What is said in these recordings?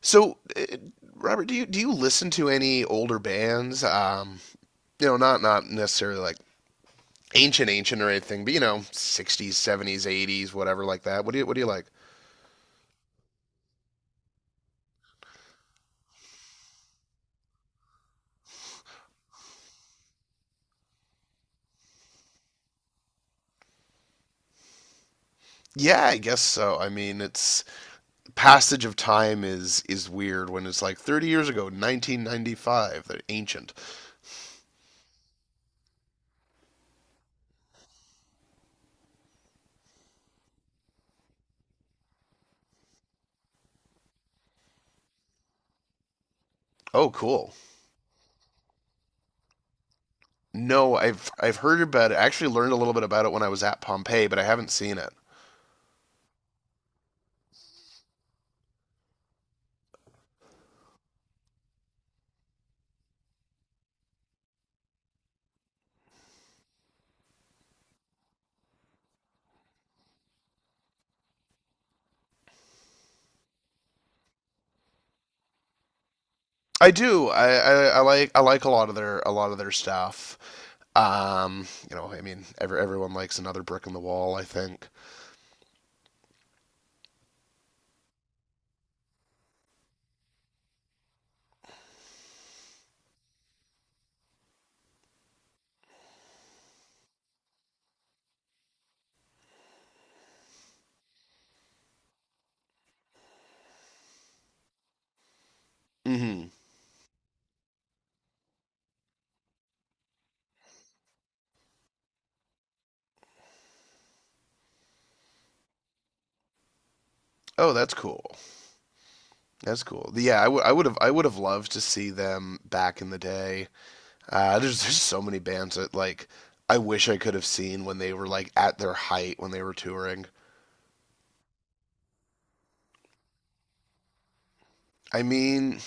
So, uh, Robert, do you listen to any older bands? Not necessarily like ancient or anything, but you know, 60s, 70s, 80s, whatever like that. What do you like? Yeah, I guess so. I mean, it's passage of time is weird when it's like 30 years ago, 1995, they're ancient. Oh, cool. No, I've heard about it. I actually learned a little bit about it when I was at Pompeii, but I haven't seen it. I do. I like I like a lot of their a lot of their stuff. I mean, everyone likes Another Brick in the Wall, I think. hmm Oh, that's cool. That's cool. Yeah, I would have loved to see them back in the day. There's so many bands that like I wish I could have seen when they were like at their height when they were touring. I mean,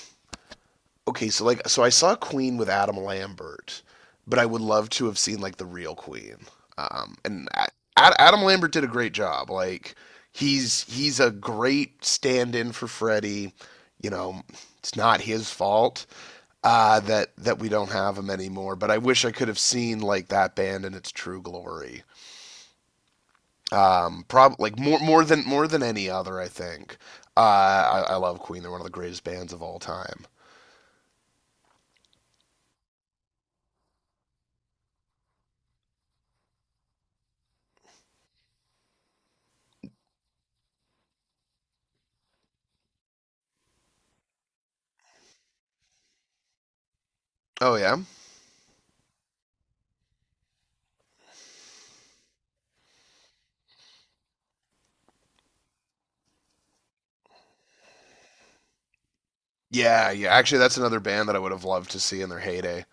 okay, so so I saw Queen with Adam Lambert, but I would love to have seen like the real Queen. Um, and A- Adam Lambert did a great job. Like he's a great stand-in for Freddie. You know, it's not his fault that we don't have him anymore. But I wish I could have seen like that band in its true glory. Prob like more more than any other, I think. I love Queen. They're one of the greatest bands of all time. Oh, yeah. Yeah, yeah. Actually, that's another band that I would have loved to see in their heyday.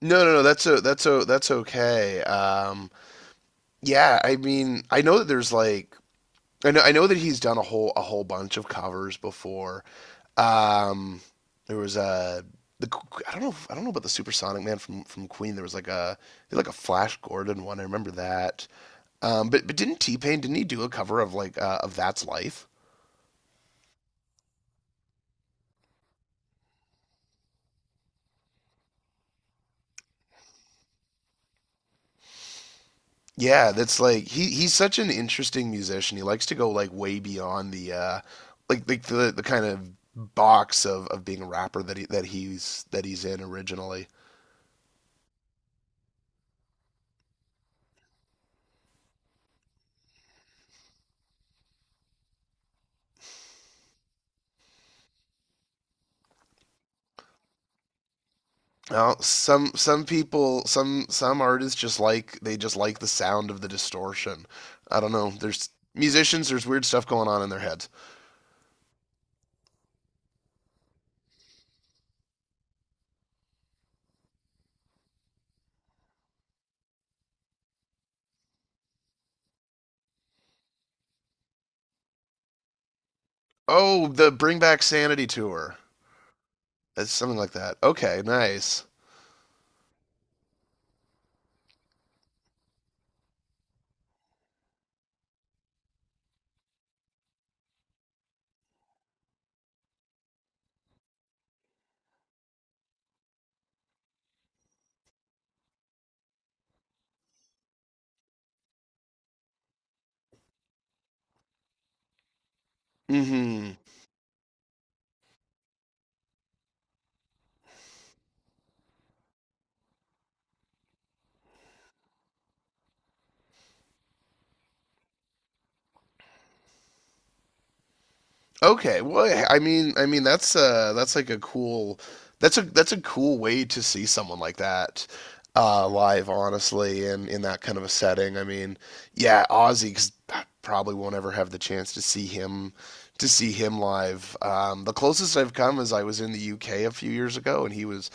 No, no, no. That's that's okay. Yeah. I mean, I know that there's like, I know that he's done a whole bunch of covers before. Um, there was a the I don't know I don't know about the Supersonic Man from Queen. There was like a Flash Gordon one. I remember that. But didn't T Pain, didn't he do a cover of like of That's Life? Yeah, that's like he's such an interesting musician. He likes to go like way beyond the like the kind of box of being a rapper that he that he's in originally. Now, some people, some artists just like, they just like the sound of the distortion. I don't know. There's musicians, there's weird stuff going on in their heads. Oh, the Bring Back Sanity tour. That's something like that. Okay, nice. Mhm. Okay, well, yeah, I mean, I mean, that's like a cool, that's a cool way to see someone like that live honestly, and in that kind of a setting. I mean, yeah, Ozzy, 'cause I probably won't ever have the chance to see him live. Um, the closest I've come is I was in the UK a few years ago, and he was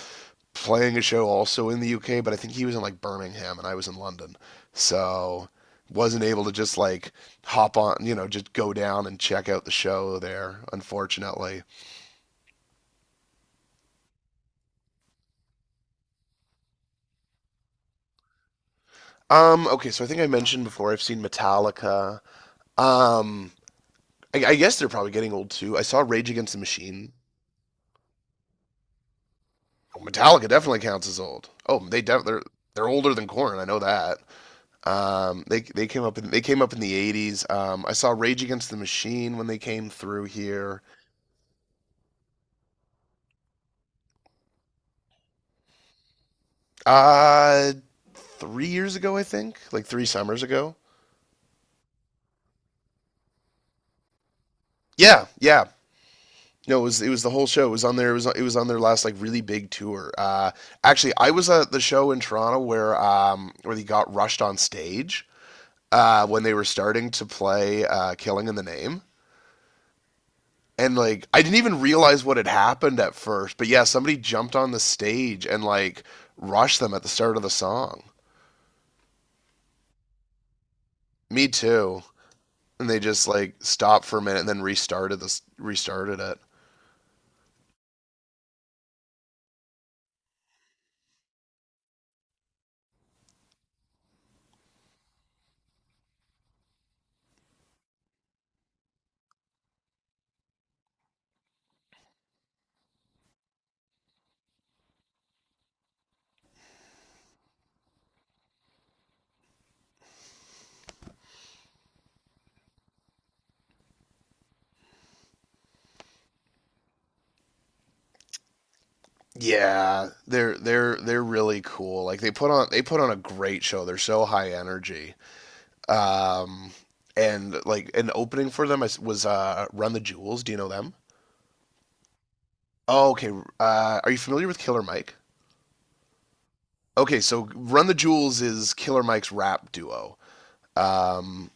playing a show also in the UK, but I think he was in like Birmingham and I was in London. So wasn't able to just like hop on, you know, just go down and check out the show there, unfortunately. Okay, so I think I mentioned before, I've seen Metallica. Um, I guess they're probably getting old too. I saw Rage Against the Machine. Oh, Metallica definitely counts as old. Oh, they're older than Corn. I know that. They came up in the '80s. I saw Rage Against the Machine when they came through here. Uh, 3 years ago, I think, like three summers ago. Yeah, yeah. No, it was the whole show. It was on their it was on their last like really big tour. Actually, I was at the show in Toronto where they got rushed on stage when they were starting to play "Killing in the Name." And like I didn't even realize what had happened at first, but yeah, somebody jumped on the stage and like rushed them at the start of the song. Me too. And they just like stopped for a minute and then restarted it. Yeah, they're really cool. Like they put on a great show. They're so high energy. Um and like an opening for them was Run the Jewels. Do you know them? Oh, okay. Are you familiar with Killer Mike? Okay, so Run the Jewels is Killer Mike's rap duo. Um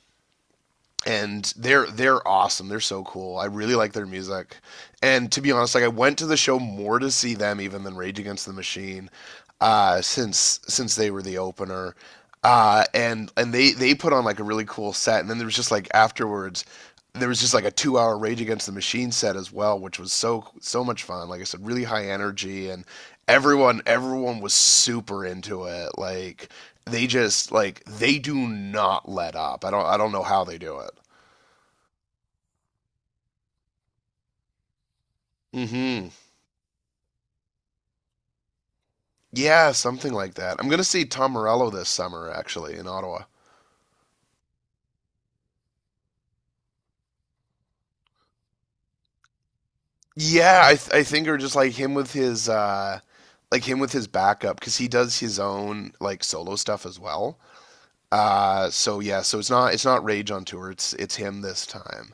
and they're awesome. They're so cool. I really like their music. And to be honest, like I went to the show more to see them even than Rage Against the Machine, since they were the opener. And they put on like a really cool set. And then there was just like afterwards, there was just like a 2 hour Rage Against the Machine set as well, which was so much fun. Like I said, really high energy, and everyone was super into it. Like they just like they do not let up. I don't know how they do it. Mm-hmm. Yeah, something like that. I'm gonna see Tom Morello this summer, actually, in Ottawa. I think or just like him with his like him with his backup, because he does his own like solo stuff as well. So yeah, so it's not Rage on tour. It's him this time.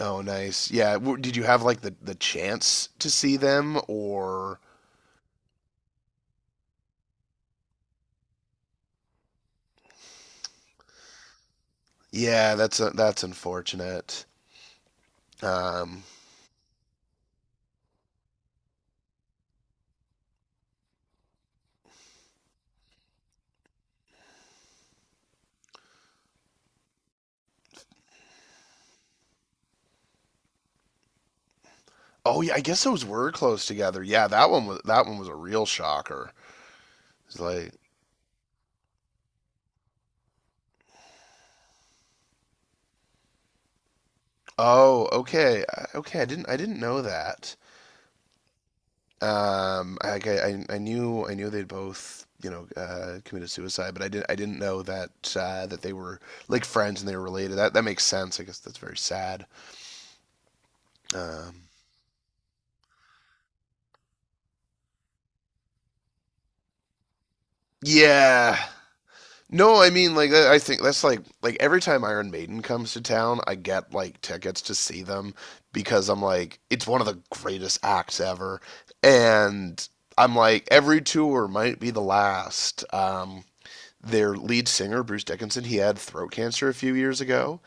Oh, nice. Yeah, did you have like the chance to see them, or? Yeah, that's unfortunate. Um, oh yeah, I guess those were close together. Yeah, that one was a real shocker. It's like... Oh, okay. Okay, I didn't know that. I knew, they'd both, you know, committed suicide, but I didn't know that that they were like friends and they were related. That that makes sense. I guess that's very sad. Um, yeah. No, I mean like I think that's like every time Iron Maiden comes to town, I get like tickets to see them, because I'm like, it's one of the greatest acts ever, and I'm like, every tour might be the last. Their lead singer Bruce Dickinson, he had throat cancer a few years ago,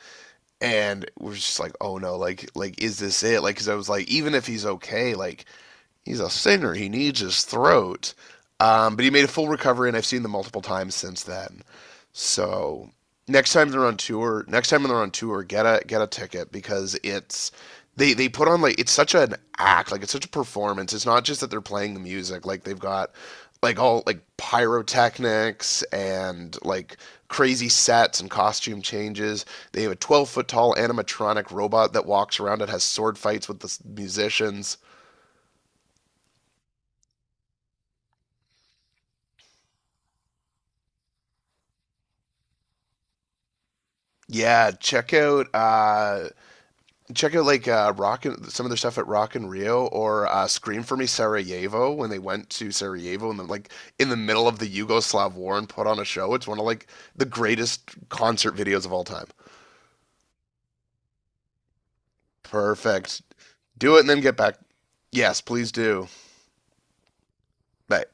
and was just like, oh no, like is this it, like cuz I was like, even if he's okay, like he's a singer. He needs his throat. But he made a full recovery, and I've seen them multiple times since then. So next time they're on tour, get a ticket because it's, they put on like, it's such an act, like it's such a performance. It's not just that they're playing the music, like they've got like all like pyrotechnics and like crazy sets and costume changes. They have a 12-foot tall animatronic robot that walks around and has sword fights with the musicians. Yeah, check out like rock and some of their stuff at Rock and Rio, or Scream for Me Sarajevo, when they went to Sarajevo and then like in the middle of the Yugoslav war and put on a show. It's one of like the greatest concert videos of all time. Perfect. Do it and then get back. Yes, please do. Bye.